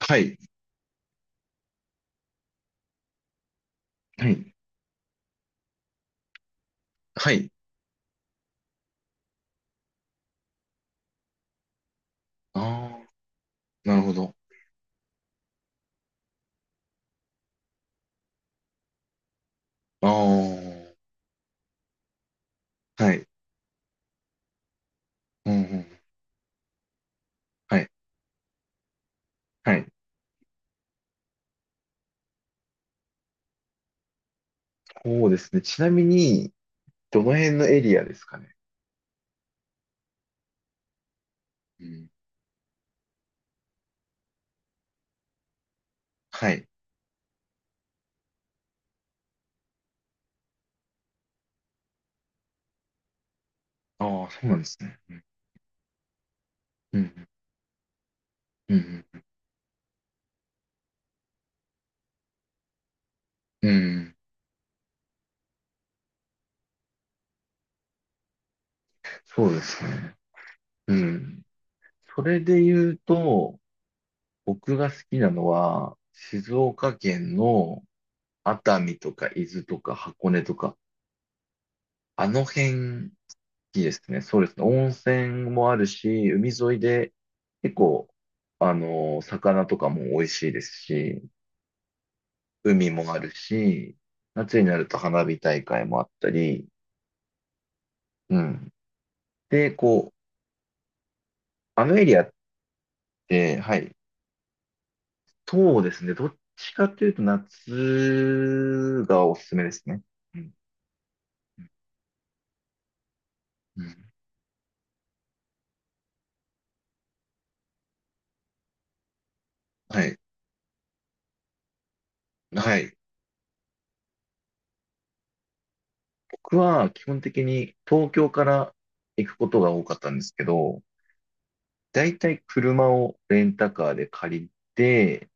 はい。はい。はい。ああ、なるほど。ああ、はい。うんうん。はい。はい。そうですね。ちなみに、どの辺のエリアですかね。うん。はい。ああ、そうなんですね。うん。うん。うん。うんそうですね。うん。それで言うと、僕が好きなのは、静岡県の熱海とか伊豆とか箱根とか、あの辺いいですね。そうですね。温泉もあるし、海沿いで結構、あの、魚とかも美味しいですし、海もあるし、夏になると花火大会もあったり、うん。で、こう、あのエリアって、はい、そうですね。どっちかというと夏がおすすめですね。うん。うん。はい。はい。僕は基本的に東京から行くことが多かったんですけど、だいたい車をレンタカーで借りて、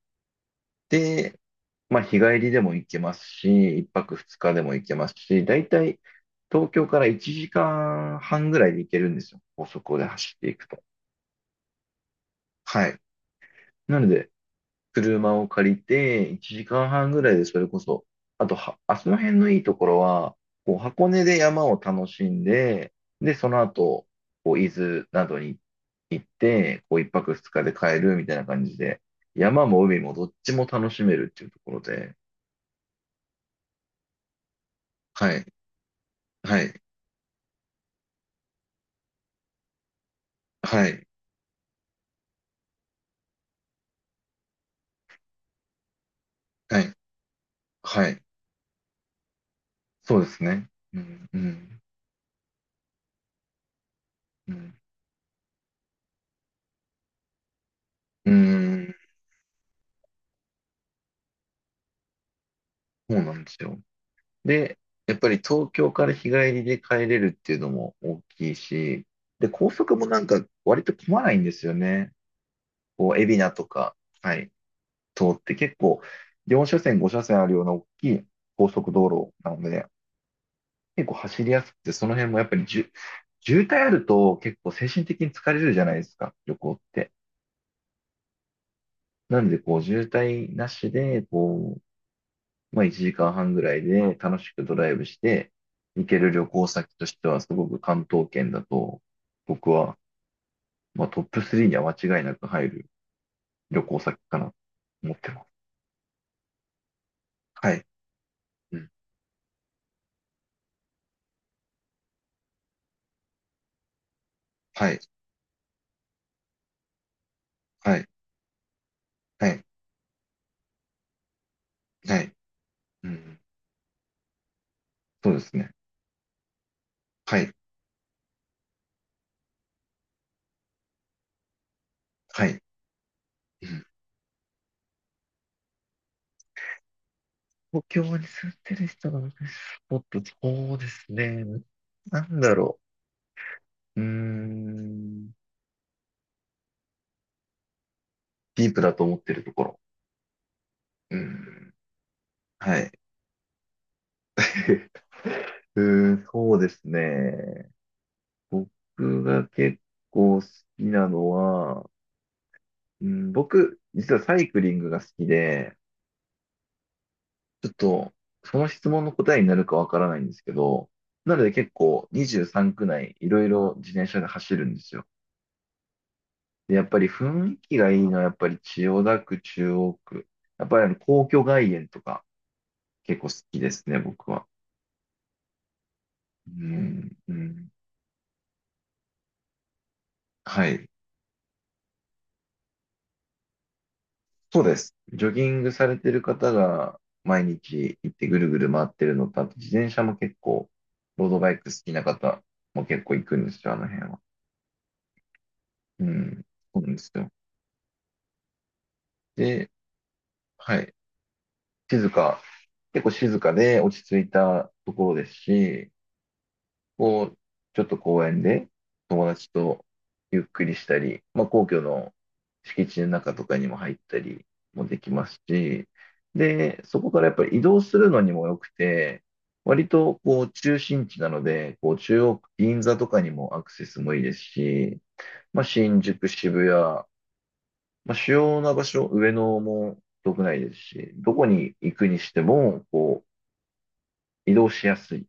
で、まあ日帰りでも行けますし、一泊二日でも行けますし、だいたい東京から1時間半ぐらいで行けるんですよ。高速で走っていくと。はい。なので、車を借りて、1時間半ぐらいでそれこそ、あとは、あその辺のいいところは、こう箱根で山を楽しんで、で、その後、こう伊豆などに行って、こう1泊二日で帰るみたいな感じで、山も海もどっちも楽しめるっていうところで、はい、はい、はい、はい、はい、そうですね。うん、うん、うん、うーん、そうなんですよ。で、やっぱり東京から日帰りで帰れるっていうのも大きいし、で、高速もなんか割と混まないんですよね。こう、海老名とか、はい、通って結構4車線、5車線あるような大きい高速道路なので、結構走りやすくて、その辺もやっぱり渋滞あると結構精神的に疲れるじゃないですか、旅行って。なんで、こう、渋滞なしで、こまあ1時間半ぐらいで楽しくドライブして行ける旅行先としてはすごく関東圏だと僕は、まあ、トップ3には間違いなく入る旅行先かなと思ってます。はい。うん。はい。はい。はい。はい。うん。そうですね。はい。はい。うん。東京に住んでる人が私スポット、そうですね。なんだろう。うーん。ディープだと思ってるところ。うん。はい。うーん、そうですね。僕が結構好きなのは、うん、僕、実はサイクリングが好きで、ちょっと、その質問の答えになるかわからないんですけど、なので結構23区内いろいろ自転車で走るんですよ。で、やっぱり雰囲気がいいのはやっぱり千代田区、中央区。やっぱりあの皇居外苑とか結構好きですね、僕は。うん、うん。はい。そうです。ジョギングされてる方が毎日行ってぐるぐる回ってるのと、あと自転車も結構、ロードバイク好きな方も結構行くんですよ、あの辺は。うん、そうなんですよ。で、はい。静か、結構静かで落ち着いたところですし、こう、ちょっと公園で友達とゆっくりしたり、まあ、皇居の敷地の中とかにも入ったりもできますし、で、そこからやっぱり移動するのにも良くて、割とこう中心地なので、こう中央区、銀座とかにもアクセスもいいですし、まあ、新宿、渋谷、まあ、主要な場所、上野も遠くないですし、どこに行くにしても、こう、移動しやすいっ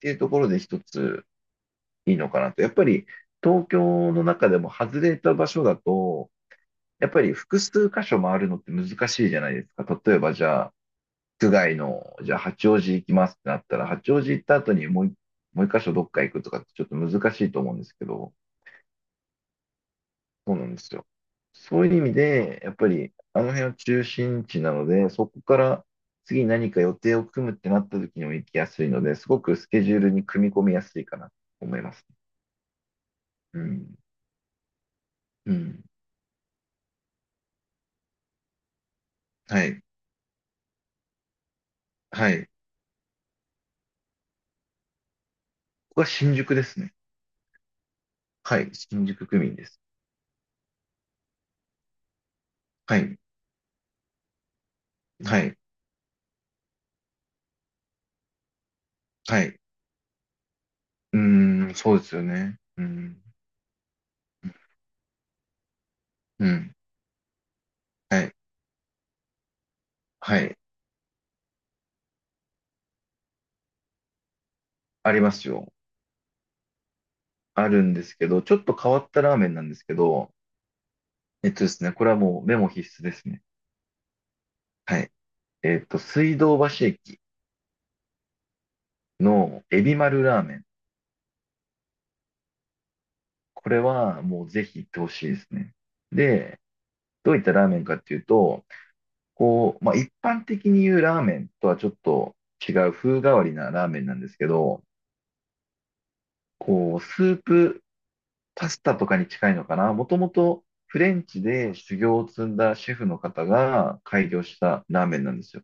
ていうところで一ついいのかなと。やっぱり東京の中でも外れた場所だと、やっぱり複数箇所回るのって難しいじゃないですか。例えばじゃあ、区外の、じゃあ八王子行きますってなったら、八王子行った後にもう一箇所どっか行くとかってちょっと難しいと思うんですけど、そうなんですよ。そういう意味で、やっぱりあの辺は中心地なので、そこから次何か予定を組むってなった時にも行きやすいので、すごくスケジュールに組み込みやすいかなと思います。うん。うん。はい。はい。ここは新宿ですね。はい。新宿区民です。はい。はい。はい。うーん、そうですよね。うん。うん。はい。はい。ありますよ。あるんですけど、ちょっと変わったラーメンなんですけど、えっとですね、これはもうメモ必須ですね。はい。えっと、水道橋駅のエビ丸ラーメン。これはもうぜひ行ってほしいですね。で、どういったラーメンかっていうと、こう、まあ、一般的に言うラーメンとはちょっと違う風変わりなラーメンなんですけど、こう、スープパスタとかに近いのかな。もともとフレンチで修行を積んだシェフの方が開業したラーメンなんですよ。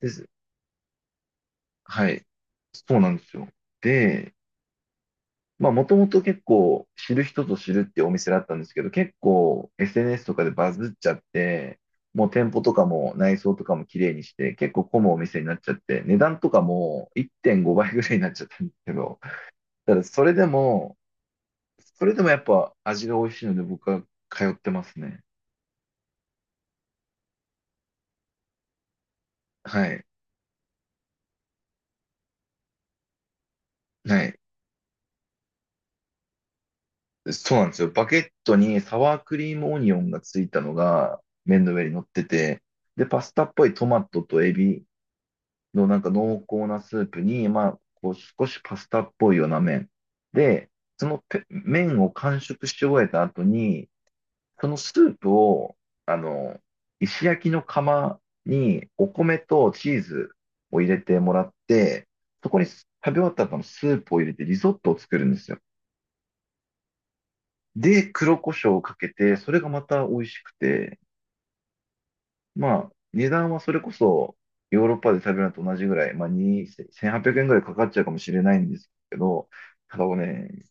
です。はい。そうなんですよ。で、まあもともと結構知る人ぞ知るってお店だったんですけど、結構 SNS とかでバズっちゃって、もう店舗とかも内装とかも綺麗にして、結構混むお店になっちゃって、値段とかも1.5倍ぐらいになっちゃったんですけど、ただそれでもやっぱ味が美味しいので僕は通ってますね。はい。はい。そうなんですよ。バゲットにサワークリームオニオンがついたのが麺の上に乗ってて、で、パスタっぽいトマトとエビのなんか濃厚なスープに、まあ、こう少しパスタっぽいような麺。で、その麺を完食し終えた後に、そのスープを、あの、石焼きの釜にお米とチーズを入れてもらって、そこに食べ終わった後のスープを入れてリゾットを作るんですよ。で、黒胡椒をかけて、それがまた美味しくて、まあ、値段はそれこそヨーロッパで食べるのと同じぐらい、まあ、2、1800円ぐらいかかっちゃうかもしれないんですけど、ただね、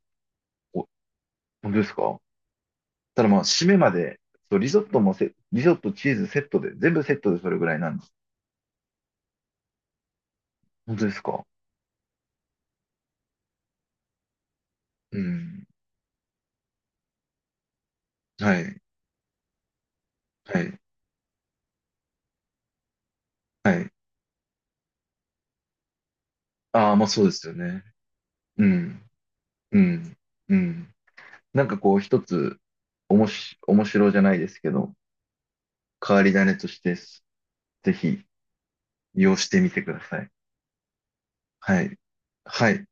お、本当ですか。ただまあ、締めまで、そう、リゾット、チーズセットで、全部セットでそれぐらいなんです。本当ですか。うん。はい。はい。はい。ああ、まあそうですよね。うん。うん。うん。なんかこう一つ、おもし、面白じゃないですけど、変わり種として、ぜひ利用してみてください。はい。はい。